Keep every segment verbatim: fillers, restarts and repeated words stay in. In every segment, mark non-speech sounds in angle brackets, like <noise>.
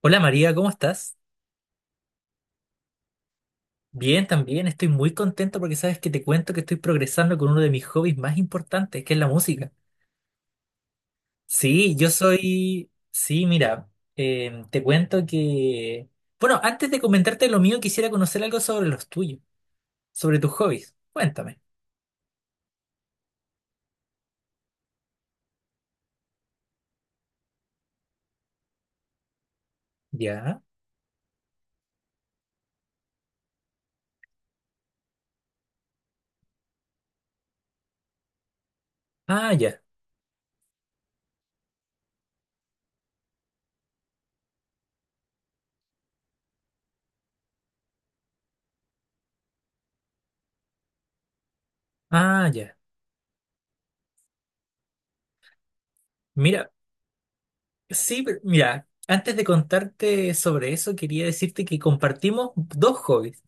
Hola María, ¿cómo estás? Bien, también estoy muy contento porque sabes que te cuento que estoy progresando con uno de mis hobbies más importantes, que es la música. Sí, yo soy... Sí, mira, em, te cuento que... Bueno, antes de comentarte lo mío, quisiera conocer algo sobre los tuyos, sobre tus hobbies. Cuéntame. ¿Ya? Ah, ya. Ah, ya. Mira, sí, pero- mira, antes de contarte sobre eso, quería decirte que compartimos dos hobbies.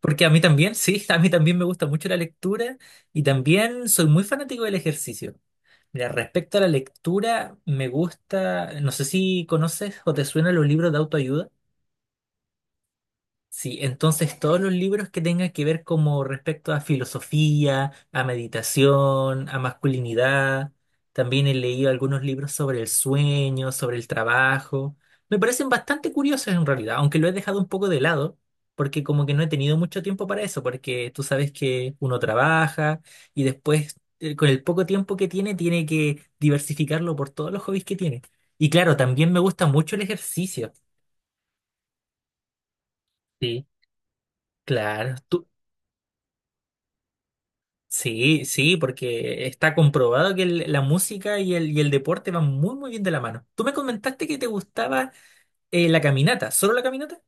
Porque a mí también, sí, <laughs> a mí también me gusta mucho la lectura y también soy muy fanático del ejercicio. Mira, respecto a la lectura, me gusta, no sé si conoces o te suenan los libros de autoayuda. Sí, entonces todos los libros que tengan que ver como respecto a filosofía, a meditación, a masculinidad, también he leído algunos libros sobre el sueño, sobre el trabajo, me parecen bastante curiosos en realidad, aunque lo he dejado un poco de lado, porque como que no he tenido mucho tiempo para eso, porque tú sabes que uno trabaja y después eh, con el poco tiempo que tiene tiene que diversificarlo por todos los hobbies que tiene. Y claro, también me gusta mucho el ejercicio. Sí, claro. ¿Tú? Sí, sí, porque está comprobado que el- la música y el, y el deporte van muy, muy bien de la mano. Tú me comentaste que te gustaba eh, la caminata, ¿solo la caminata?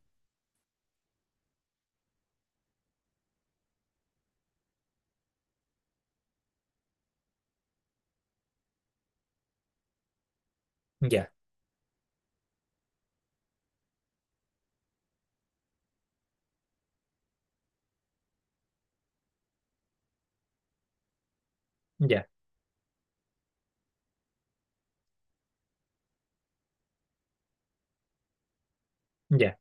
Ya, ya, ya,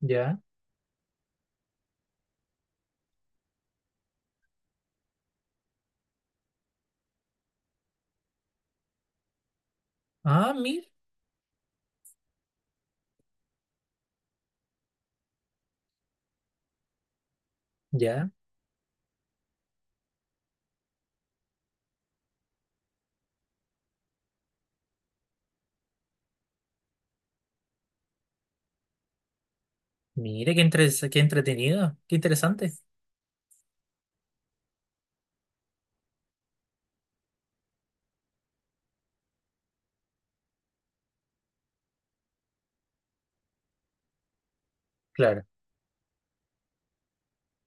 ya. Ah, mira, ya. Mira, qué, entre qué entretenido, qué interesante. Claro,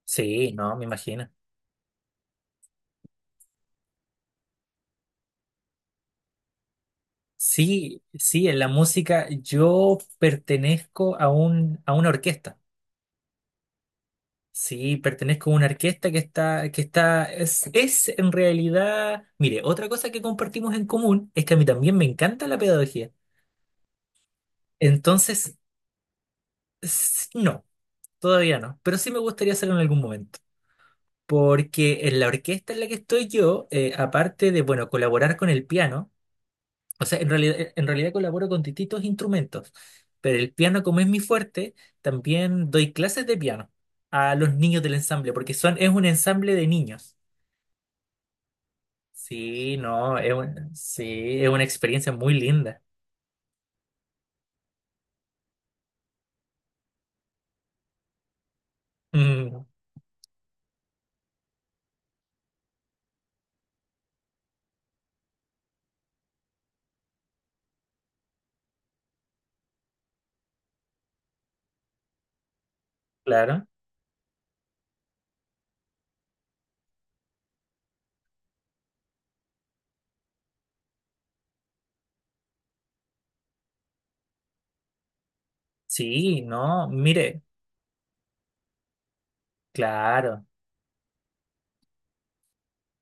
sí, no, me imagino. Sí, sí, en la música yo pertenezco a un, a una orquesta. Sí, pertenezco a una orquesta que está, que está, es, es en realidad, mire, otra cosa que compartimos en común es que a mí también me encanta la pedagogía. Entonces, s- no, todavía no, pero sí me gustaría hacerlo en algún momento. Porque en la orquesta en la que estoy yo, eh, aparte de, bueno, colaborar con el piano, o sea, en realidad, eh, en realidad colaboro con distintos instrumentos, pero el piano como es mi fuerte, también doy clases de piano a los niños del ensamble, porque son, es un ensamble de niños. Sí, no, es un- sí, es una experiencia muy linda. Mm, claro. Sí, no, mire, claro.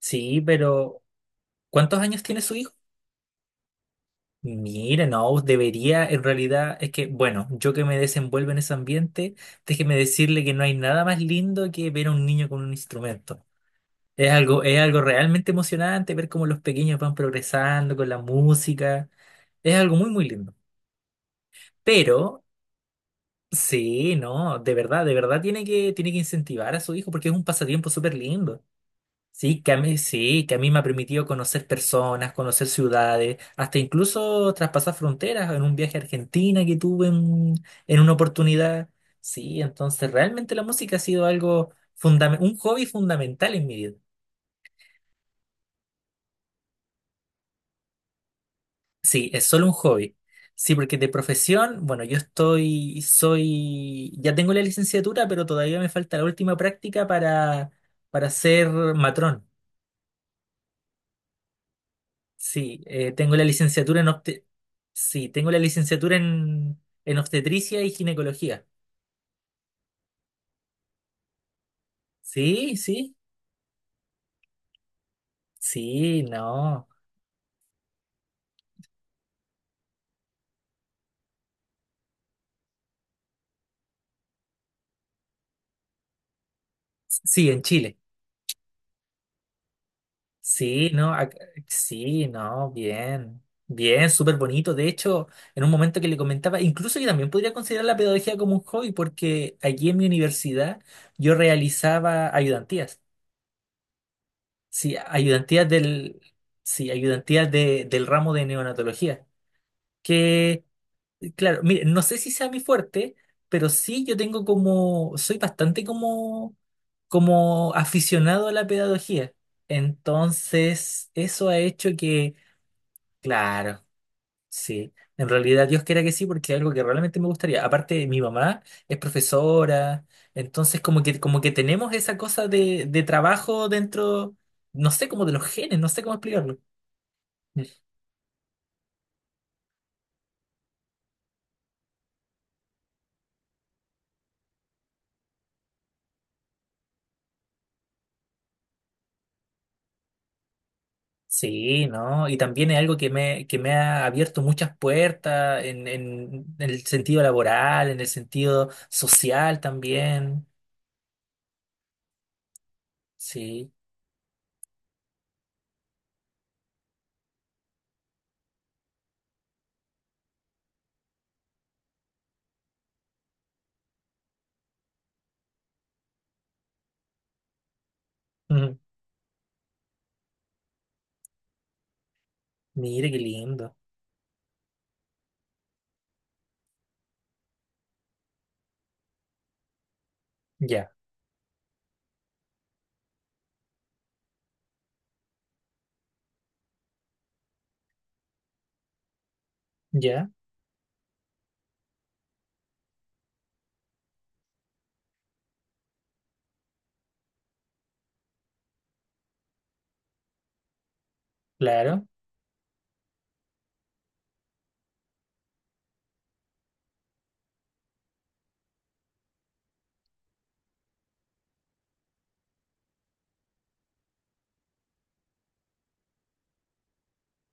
Sí, pero ¿cuántos años tiene su hijo? Mire, no, debería, en realidad, es que, bueno, yo que me desenvuelvo en ese ambiente, déjeme decirle que no hay nada más lindo que ver a un niño con un instrumento. Es algo, es algo realmente emocionante ver cómo los pequeños van progresando con la música. Es algo muy, muy lindo. Pero sí, no, de verdad, de verdad tiene que, tiene que incentivar a su hijo porque es un pasatiempo súper lindo. Sí, que a mí, sí, que a mí me ha permitido conocer personas, conocer ciudades, hasta incluso traspasar fronteras en un viaje a Argentina que tuve en, en una oportunidad. Sí, entonces realmente la música ha sido algo fundamental, un hobby fundamental en mi vida. Sí, es solo un hobby. Sí, porque de profesión, bueno, yo estoy, soy, ya tengo la licenciatura, pero todavía me falta la última práctica para, para ser matrón. Sí, eh, tengo la licenciatura en obte- sí, tengo la licenciatura en, en obstetricia y ginecología. Sí, sí, sí, no. Sí, en Chile. Sí, no, ac- sí, no, bien, bien, súper bonito. De hecho, en un momento que le comentaba, incluso yo también podría considerar la pedagogía como un hobby, porque allí en mi universidad yo realizaba ayudantías, sí, ayudantías del, sí, ayudantías de- del ramo de neonatología, que, claro, mire, no sé si sea mi fuerte, pero sí yo tengo como, soy bastante como, como aficionado a la pedagogía. Entonces, eso ha hecho que claro, sí. En realidad Dios quiera que sí, porque es algo que realmente me gustaría. Aparte, mi mamá es profesora, entonces como que, como que tenemos esa cosa de, de trabajo dentro, no sé, como de los genes, no sé cómo explicarlo. Mm. Sí, ¿no? Y también es algo que me, que me ha abierto muchas puertas en, en, en el sentido laboral, en el sentido social también. Sí. Mm. Mire qué lindo. Ya, ya, claro,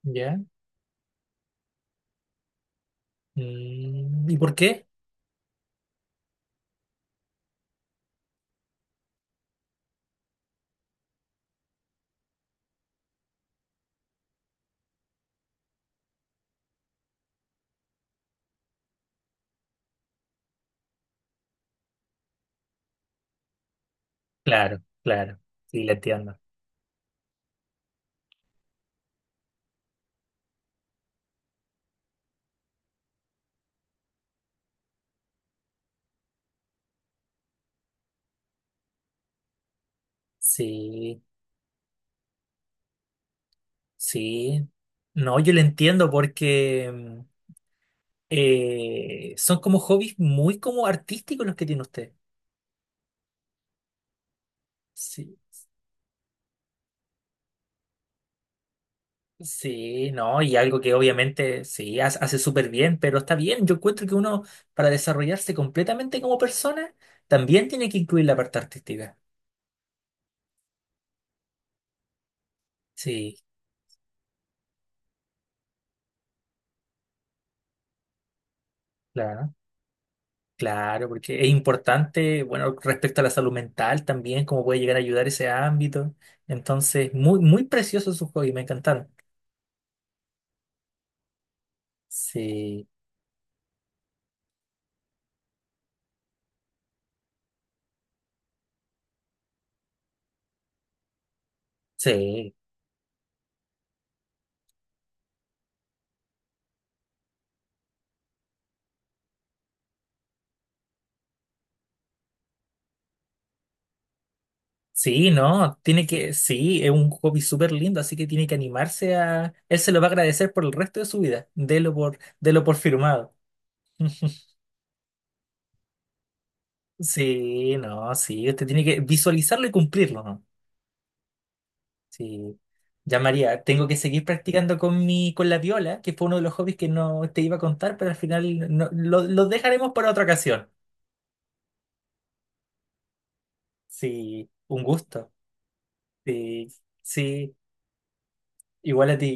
ya. Mm, ¿y por qué? Claro, claro, sí, le entiendo. Sí, sí. No, yo le entiendo porque mm, eh, son como hobbies muy como artísticos los que tiene usted. Sí, sí, no, y algo que obviamente sí ha- hace súper bien, pero está bien. Yo encuentro que uno para desarrollarse completamente como persona también tiene que incluir la parte artística. Sí, claro. Claro, porque es importante, bueno, respecto a la salud mental también, cómo puede llegar a ayudar ese ámbito. Entonces, muy, muy precioso su hobby, me encantaron. Sí, sí, sí, no, tiene que, sí, es un hobby súper lindo, así que tiene que animarse a, él se lo va a agradecer por el resto de su vida, délo por, délo por firmado. <laughs> Sí, no, sí, usted tiene que visualizarlo y cumplirlo, ¿no? Sí. Ya María, tengo que seguir practicando con mi, con la viola, que fue uno de los hobbies que no te iba a contar, pero al final no- lo, lo dejaremos para otra ocasión. Sí, un gusto. Sí, sí, igual a ti.